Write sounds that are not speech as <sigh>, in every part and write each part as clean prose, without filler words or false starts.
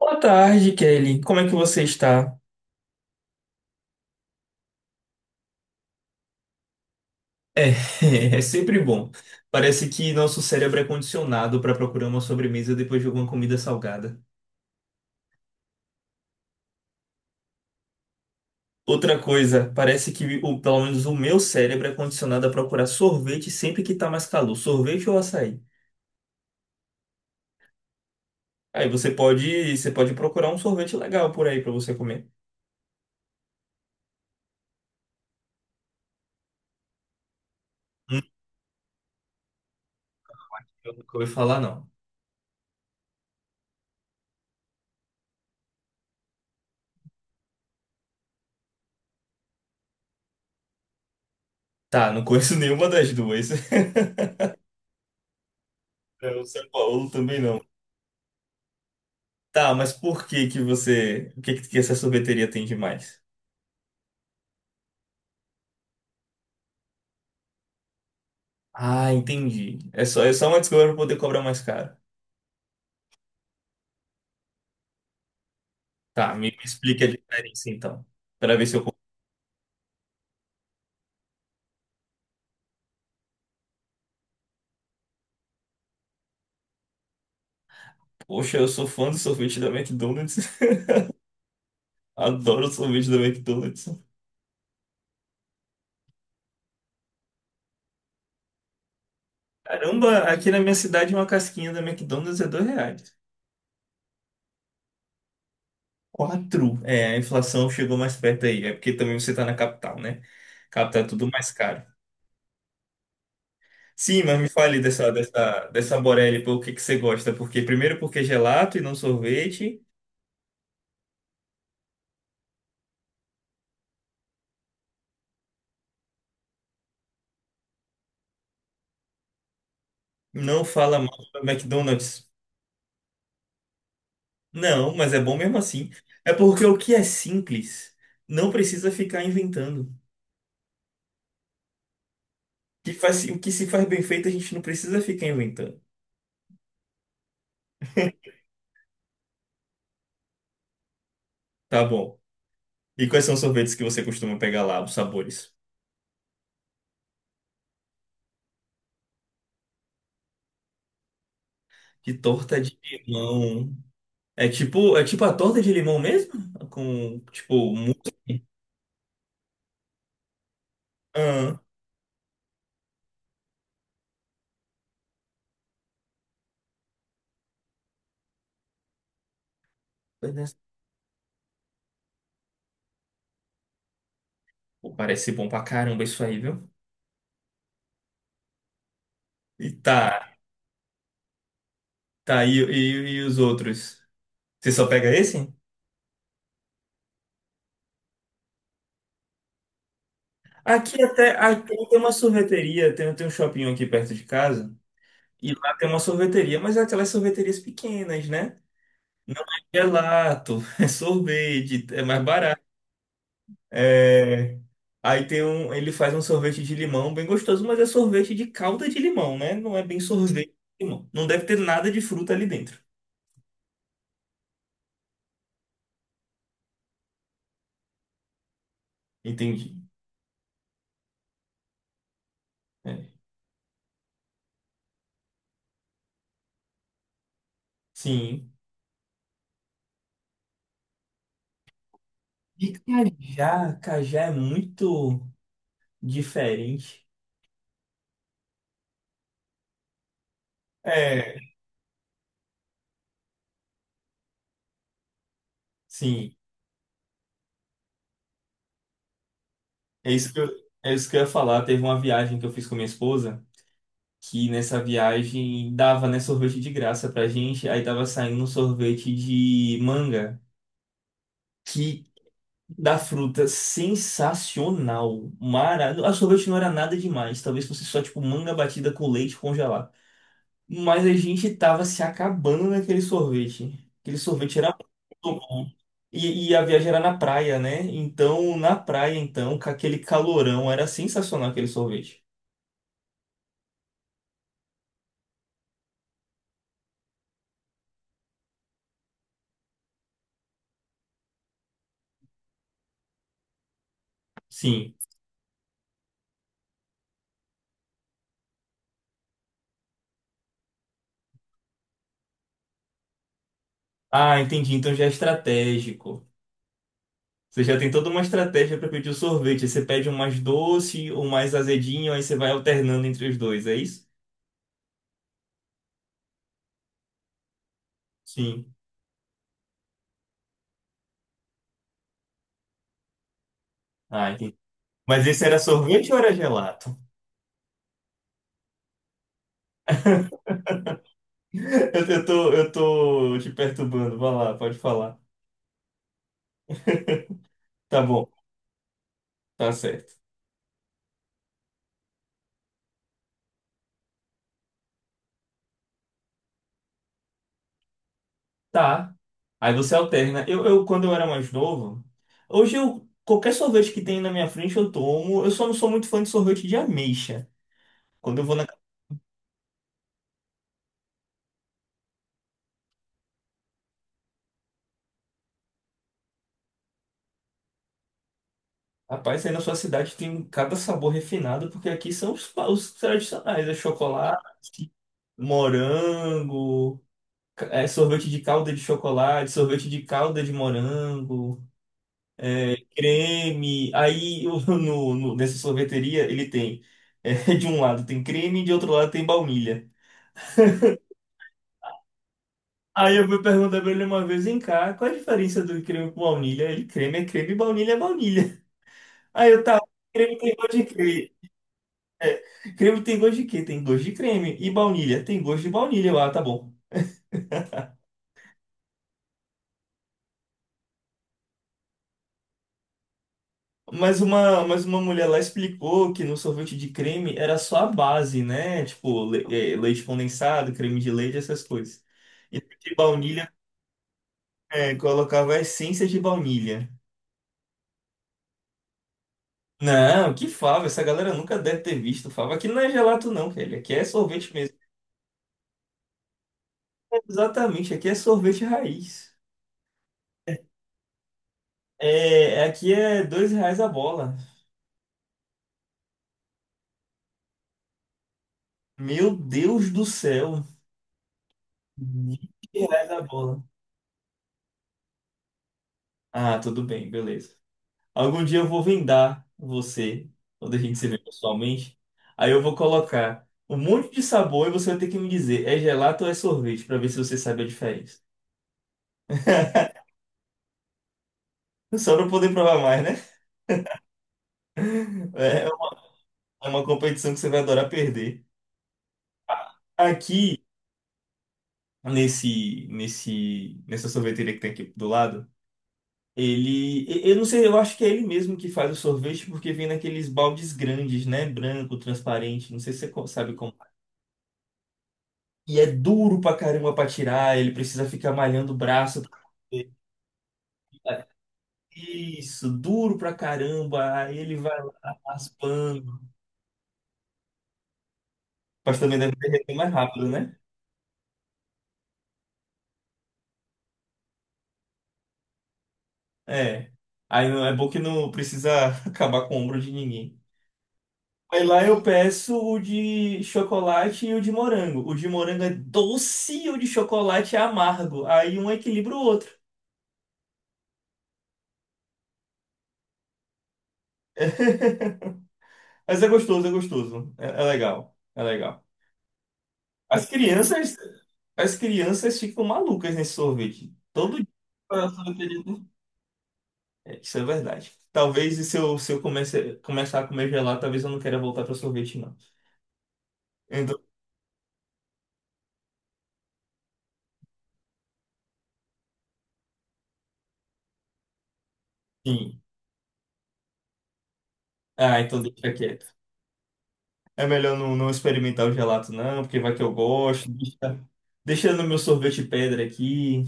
Boa tarde, Kelly. Como é que você está? É, <laughs> é sempre bom. Parece que nosso cérebro é condicionado para procurar uma sobremesa depois de alguma comida salgada. Outra coisa, parece que pelo menos o meu cérebro é condicionado a procurar sorvete sempre que tá mais calor, sorvete ou açaí. Aí você pode procurar um sorvete legal por aí para você comer. Hum, eu nunca ouvi falar, não. Tá, não conheço <laughs> nenhuma das duas. <laughs> O São Paulo também não. Tá, mas por que que você, o que que essa sorveteria tem de mais? Ah, entendi. É só uma desculpa pra poder cobrar mais caro. Tá, me explique a diferença então. Pra ver se eu compro. Poxa, eu sou fã do sorvete da McDonald's. <laughs> Adoro o sorvete da McDonald's. Caramba, aqui na minha cidade uma casquinha da McDonald's é R$ 2. Quatro. É, a inflação chegou mais perto aí. É porque também você tá na capital, né? Capital é tudo mais caro. Sim, mas me fale dessa Borelli, pô, o que que você gosta? Porque primeiro porque é gelato e não sorvete. Não fala mal do McDonald's. Não, mas é bom mesmo assim. É porque o que é simples não precisa ficar inventando. O que se faz bem feito, a gente não precisa ficar inventando. Tá bom. E quais são os sorvetes que você costuma pegar lá, os sabores? Que torta de limão. É tipo a torta de limão mesmo? Com, tipo, mu- ah, pô, parece bom pra caramba isso aí, viu? E tá, tá, e os outros? Você só pega esse? Aqui tem uma sorveteria, tem um shopping aqui perto de casa. E lá tem uma sorveteria, mas é aquelas sorveterias pequenas, né? Não é gelato, <laughs> é sorvete, é mais barato. É. Aí tem um, ele faz um sorvete de limão bem gostoso, mas é sorvete de calda de limão, né? Não é bem sorvete de limão. Não deve ter nada de fruta ali dentro. Entendi. É. Sim. E cajá, cajá é muito diferente. É, sim. É isso que eu, é isso que eu ia falar. Teve uma viagem que eu fiz com minha esposa, que nessa viagem dava, né, sorvete de graça pra gente, aí tava saindo um sorvete de manga, que da fruta sensacional, mara, a sorvete não era nada demais, talvez fosse só tipo manga batida com leite congelado. Mas a gente tava se acabando naquele sorvete. Aquele sorvete era muito bom. E a viagem era na praia, né? Então, na praia, então, com aquele calorão, era sensacional aquele sorvete. Sim. Ah, entendi. Então já é estratégico. Você já tem toda uma estratégia para pedir o sorvete. Você pede um mais doce, um mais azedinho, aí você vai alternando entre os dois, é isso? Sim. Ah, entendi. Mas esse era sorvete ou era gelato? <laughs> Eu tô te perturbando. Vai lá, pode falar. Tá bom, tá certo. Tá. Aí você alterna. Quando eu era mais novo, hoje eu, qualquer sorvete que tem na minha frente eu tomo. Eu só não sou muito fã de sorvete de ameixa. Quando eu vou Rapaz, aí na sua cidade tem cada sabor refinado, porque aqui são os tradicionais, é chocolate, morango, é sorvete de calda de chocolate, sorvete de calda de morango, é, creme. Aí <laughs> nessa sorveteria ele tem, <laughs> de um lado tem creme e de outro lado tem baunilha. Aí eu fui perguntar pra ele uma vez, vem cá, qual a diferença do creme com baunilha? Ele, creme é creme, baunilha é baunilha. Aí eu, tá, creme tem gosto de creme. É, creme tem gosto de quê? Tem gosto de creme. E baunilha? Tem gosto de baunilha. Ah, tá bom. Mas uma mulher lá explicou que no sorvete de creme era só a base, né? Tipo, leite condensado, creme de leite, essas coisas. E de baunilha, colocava a essência de baunilha. Não, que fava, essa galera nunca deve ter visto fava. Aqui não é gelato não, velho. Aqui é sorvete mesmo. É, exatamente, aqui é sorvete raiz. É, aqui é R$ 2 a bola. Meu Deus do céu. R$ 20 a bola. Ah, tudo bem, beleza. Algum dia eu vou vendar você, quando a gente se vê pessoalmente. Aí eu vou colocar um monte de sabor e você vai ter que me dizer, é gelato ou é sorvete, pra ver se você sabe a diferença. <laughs> Só pra eu poder provar mais, né? É é uma é uma competição que você vai adorar perder. Aqui, nessa sorveteria que tem aqui do lado, Eu não sei, eu acho que é ele mesmo que faz o sorvete porque vem naqueles baldes grandes, né? Branco, transparente, não sei se você sabe como é. E é duro pra caramba pra tirar, ele precisa ficar malhando o braço. Isso, duro pra caramba. Aí ele vai lá raspando. Mas também deve derreter mais rápido, né? É. Aí não é bom que não precisa <laughs> acabar com o ombro de ninguém. Aí lá eu peço o de chocolate e o de morango. O de morango é doce e o de chocolate é amargo. Aí um equilibra o outro. <laughs> Mas é gostoso, é gostoso. É, é legal, é legal. As crianças, as crianças ficam malucas nesse sorvete. Todo dia. pra sorvete de- É, isso é verdade. Talvez se eu começar a comer gelado, talvez eu não queira voltar para sorvete, não. Então, sim. Ah, então deixa quieto. É melhor não experimentar o gelato, não, porque vai que eu gosto. Deixa, deixa no meu sorvete pedra aqui.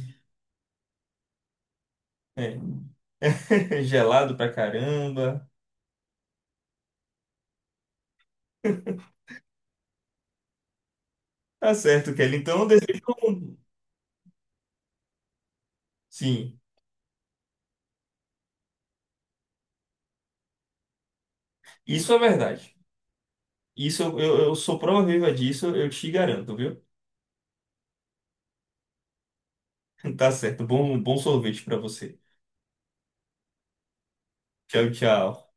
É, <laughs> gelado pra caramba. Tá certo, Kelly. Então, eu desejo. um- Sim, isso é verdade. Isso eu sou prova viva disso, eu te garanto, viu? <laughs> Tá certo. Bom, bom sorvete pra você. Tchau, tchau.